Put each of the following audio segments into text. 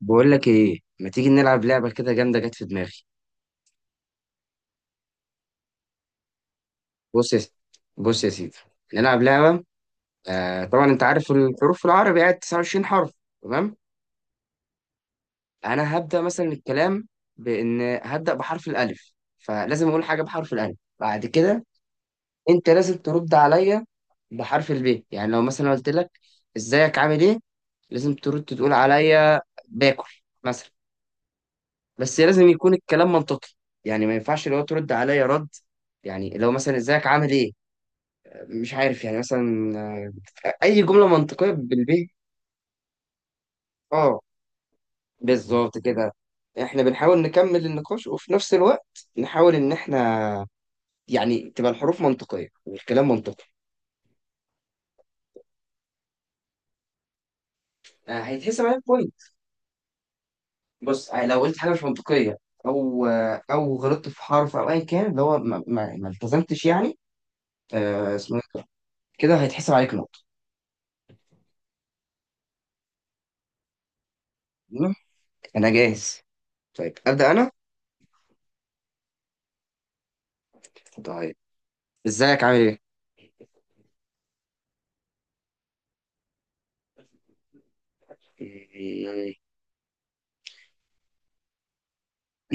بقول لك ايه، ما تيجي نلعب لعبه كده جامده جت في دماغي؟ بص يا سيدي بص يا سيدي. نلعب لعبه. آه طبعا، انت عارف الحروف في العربي قاعد 29 حرف، تمام. انا هبدا مثلا الكلام بان هبدا بحرف الالف، فلازم اقول حاجه بحرف الالف بعد كده. انت لازم ترد عليا بحرف الب، يعني لو مثلا قلت لك ازيك عامل ايه، لازم ترد تقول عليا باكل مثلا. بس لازم يكون الكلام منطقي، يعني ما ينفعش لو ترد عليا رد، يعني لو مثلا ازيك عامل ايه مش عارف، يعني مثلا اي جمله منطقيه بالبيه. اه بالظبط كده. احنا بنحاول نكمل النقاش وفي نفس الوقت نحاول ان احنا يعني تبقى الحروف منطقيه والكلام منطقي. هيتحسب عليك بوينت. بص، لو قلت حاجه مش منطقيه، او او غلطت في حرف او ايا كان، اللي هو ما التزمتش يعني. اسمه إيه ده؟ كده هيتحسب عليك نقطه. انا جاهز. طيب أبدأ أنا؟ طيب إزيك عامل إيه؟ إيه.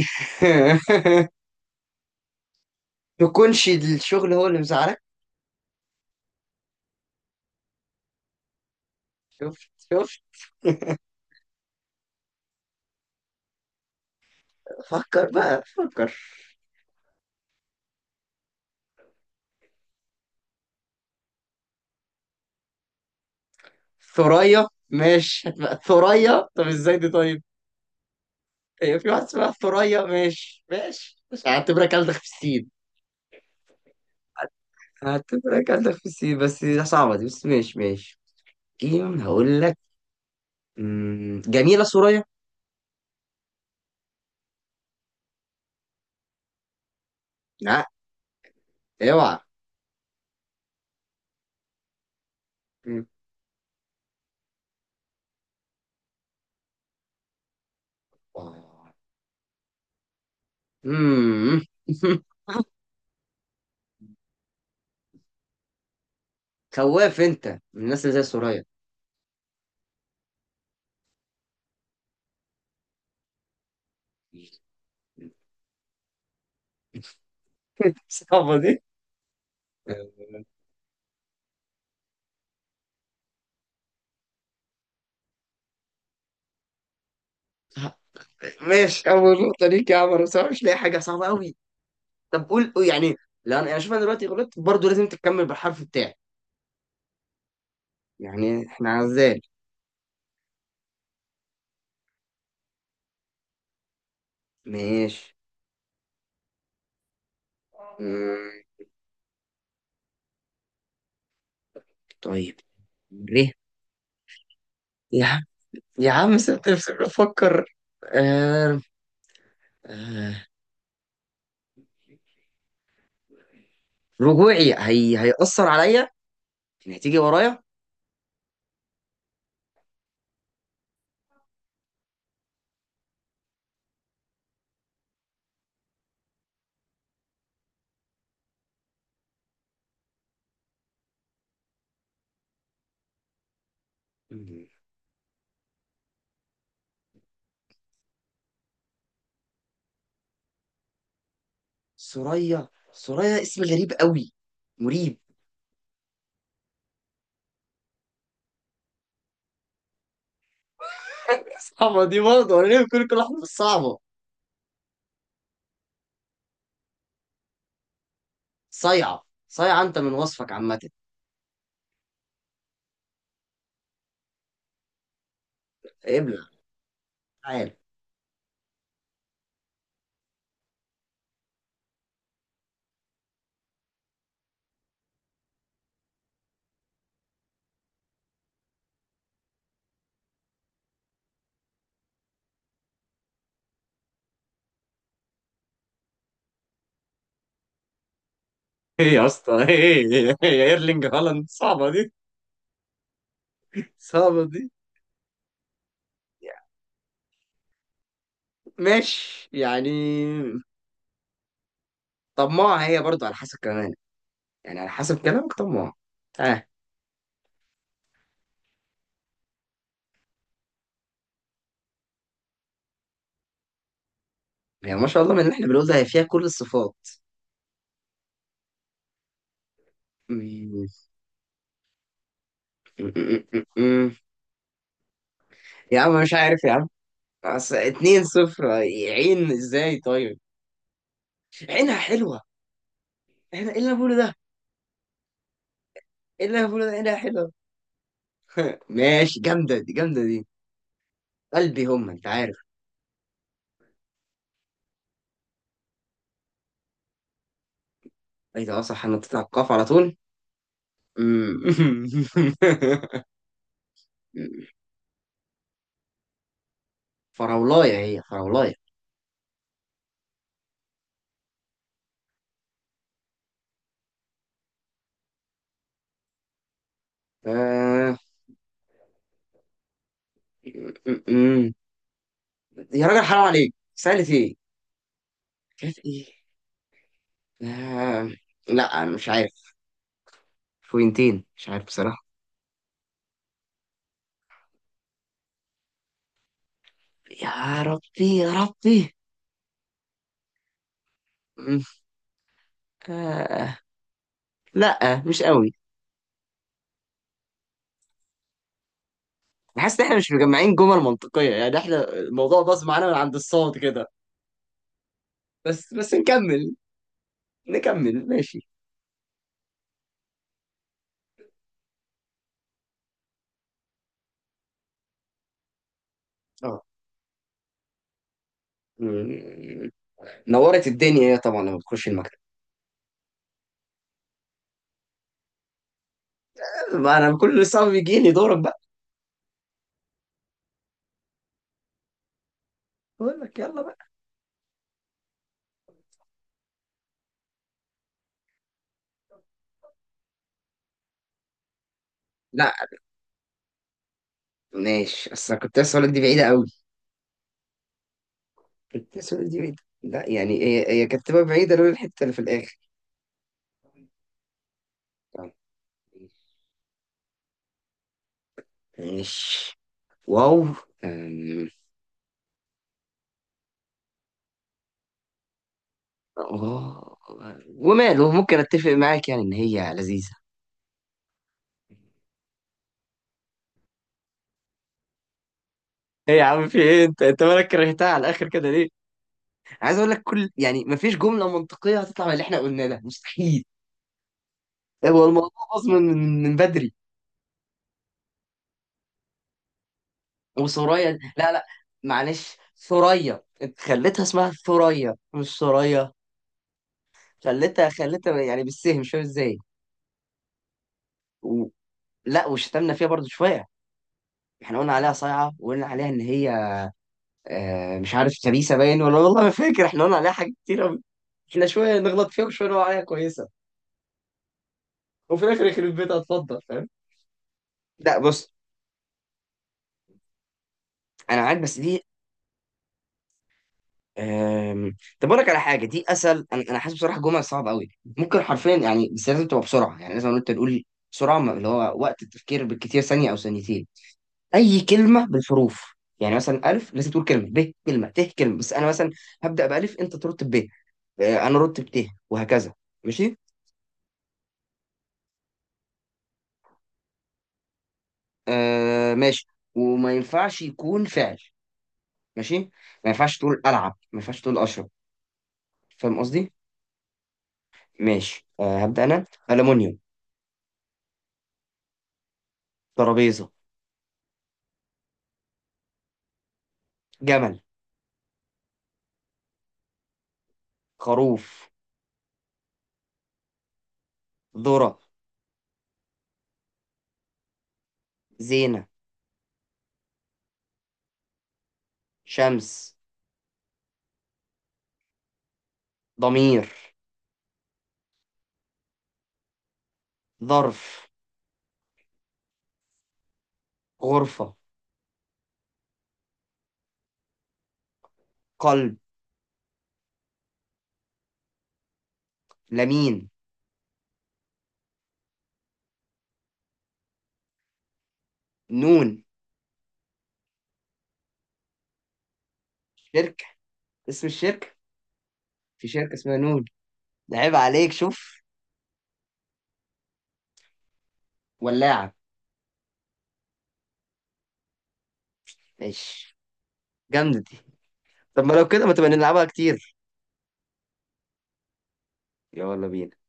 يكونش الشغل هو اللي مزعلك. شفت شفت. فكر بقى فكر. ثريا، ماشي هتبقى ثريا. طب ازاي دي طيب؟ هي في واحد اسمها ثريا. ماشي ماشي، مش هعتبرك ألدغ في السين. هعتبرك ألدغ في السين، بس دي صعبة دي، بس ماشي ماشي. جيم هقول لك. جميلة ثريا. لا، اوعى. مم. مم. خواف انت من الناس اللي زي سوريا. صعبة دي. ماشي، اول نقطه ليك يا عمر، بس انا مش لاقي حاجه صعبه قوي. طب قول قول يعني. لا، انا شوف، انا دلوقتي غلطت برضه، لازم تكمل بالحرف بتاعي. يعني احنا عزال. ماشي. مم، طيب، ليه يا عم؟ يا عم سبت نفسي بفكر. آه... آه... رجوعي هيأثر عليا، يعني هتيجي ورايا. مم. سوريا سوريا اسم غريب قوي، مريب. اما دي برضه، انا ليه بكل كل واحده بس صعبه؟ صيعه صيعه، انت من وصفك عامه. ابلع تعال. ايه يا اسطى، ايه ايه إيه يا ايرلينج هالاند، صعبه دي، صعبه دي. ماشي يعني. طماعه هي برضه على حسب كمان، يعني على حسب كلامك طماعه. اه. هي ما شاء الله من اللي احنا بنقول ده، هي فيها كل الصفات. م- م- م- م- م. يا عم مش عارف يا عم. بس 2-0 عين ازاي طيب؟ عينها حلوة. احنا ايه اللي أنا بقوله ده؟ ايه اللي أنا بقوله ده، عينها حلوة. ماشي، جامدة دي جامدة دي. قلبي هم، انت عارف. ايه ده، اه صح، انا بتاع القاف على طول. أمم. فراولاية، هي فراولاية. آه... أمم. يا راجل حرام عليك، سألت ايه؟ كانت ايه؟ آه... لا أنا مش عارف. بوينتين، مش عارف بصراحة. يا ربي يا ربي. أمم. آه... لا، مش قوي. حاسس ان احنا مش مجمعين جمل منطقية، يعني احنا الموضوع باظ معانا من عند الصوت كده. بس نكمل. نكمل ماشي. اه. مم. نورت الدنيا، هي طبعا لما بتخش المكتب. ما انا كل صعب بيجي لي دورك بقى. بقول لك، يلا بقى. لا، ماشي، اصل أنا كنت اسالك دي بعيده قوي، كنت اسالك دي بعيده، لا يعني هي، هي كانت تبقى بعيده لولا الحته اللي في الاخر. آه. ماشي. واو. أم، اه وماله، ممكن اتفق معاك يعني ان هي لذيذه. ايه يا عم، في ايه، انت مالك كرهتها على الاخر كده ليه؟ عايز اقول لك، كل يعني مفيش جمله منطقيه هتطلع من اللي احنا قلناه ده، مستحيل. هو الموضوع اصلا من بدري. وسوريا، لا لا. معلش، ثريا، انت خليتها اسمها ثريا مش سوريا. خليتها خليتها يعني بالسهم، مش فاهم ازاي. و... لا، وشتمنا فيها برضو شويه. احنا قلنا عليها صايعه، وقلنا عليها ان هي مش عارف، خبيثه باين ولا، والله ما فاكر، احنا قلنا عليها حاجات كتير قوي. احنا شويه نغلط فيها وشويه نقول عليها كويسه. وفي الاخر يخرب بيتها، اتفضل فاهم. لا بص، انا معاك، بس دي. طب اقول لك على حاجه دي اسهل. انا حاسس بصراحه الجمل صعب قوي ممكن حرفيا يعني، بس لازم تبقى بسرعه، يعني لازم انت تقول بسرعه. اللي هو وقت التفكير بالكتير ثانيه او ثانيتين. اي كلمه بالحروف، يعني مثلا الف لازم تقول كلمه، ب كلمه، ت كلمه، بس انا مثلا هبدا بالف، انت ترد ب، انا ارد بت، وهكذا. ماشي. ماشي. وما ينفعش يكون فعل. ماشي، ما ينفعش تقول العب، ما ينفعش تقول اشرب. فاهم قصدي. ماشي. هبدا انا. المونيوم. ترابيزه. جمل. خروف. ذرة. زينة. شمس. ضمير. ظرف. غرفة. قلب. لمين. نون. شركة. اسم الشركة. في شركة اسمها نون، ده عيب عليك، شوف. ولاعة. ماشي، جامدة دي. طب ما لو كده، ما تبقى نلعبها كتير. يلا بينا.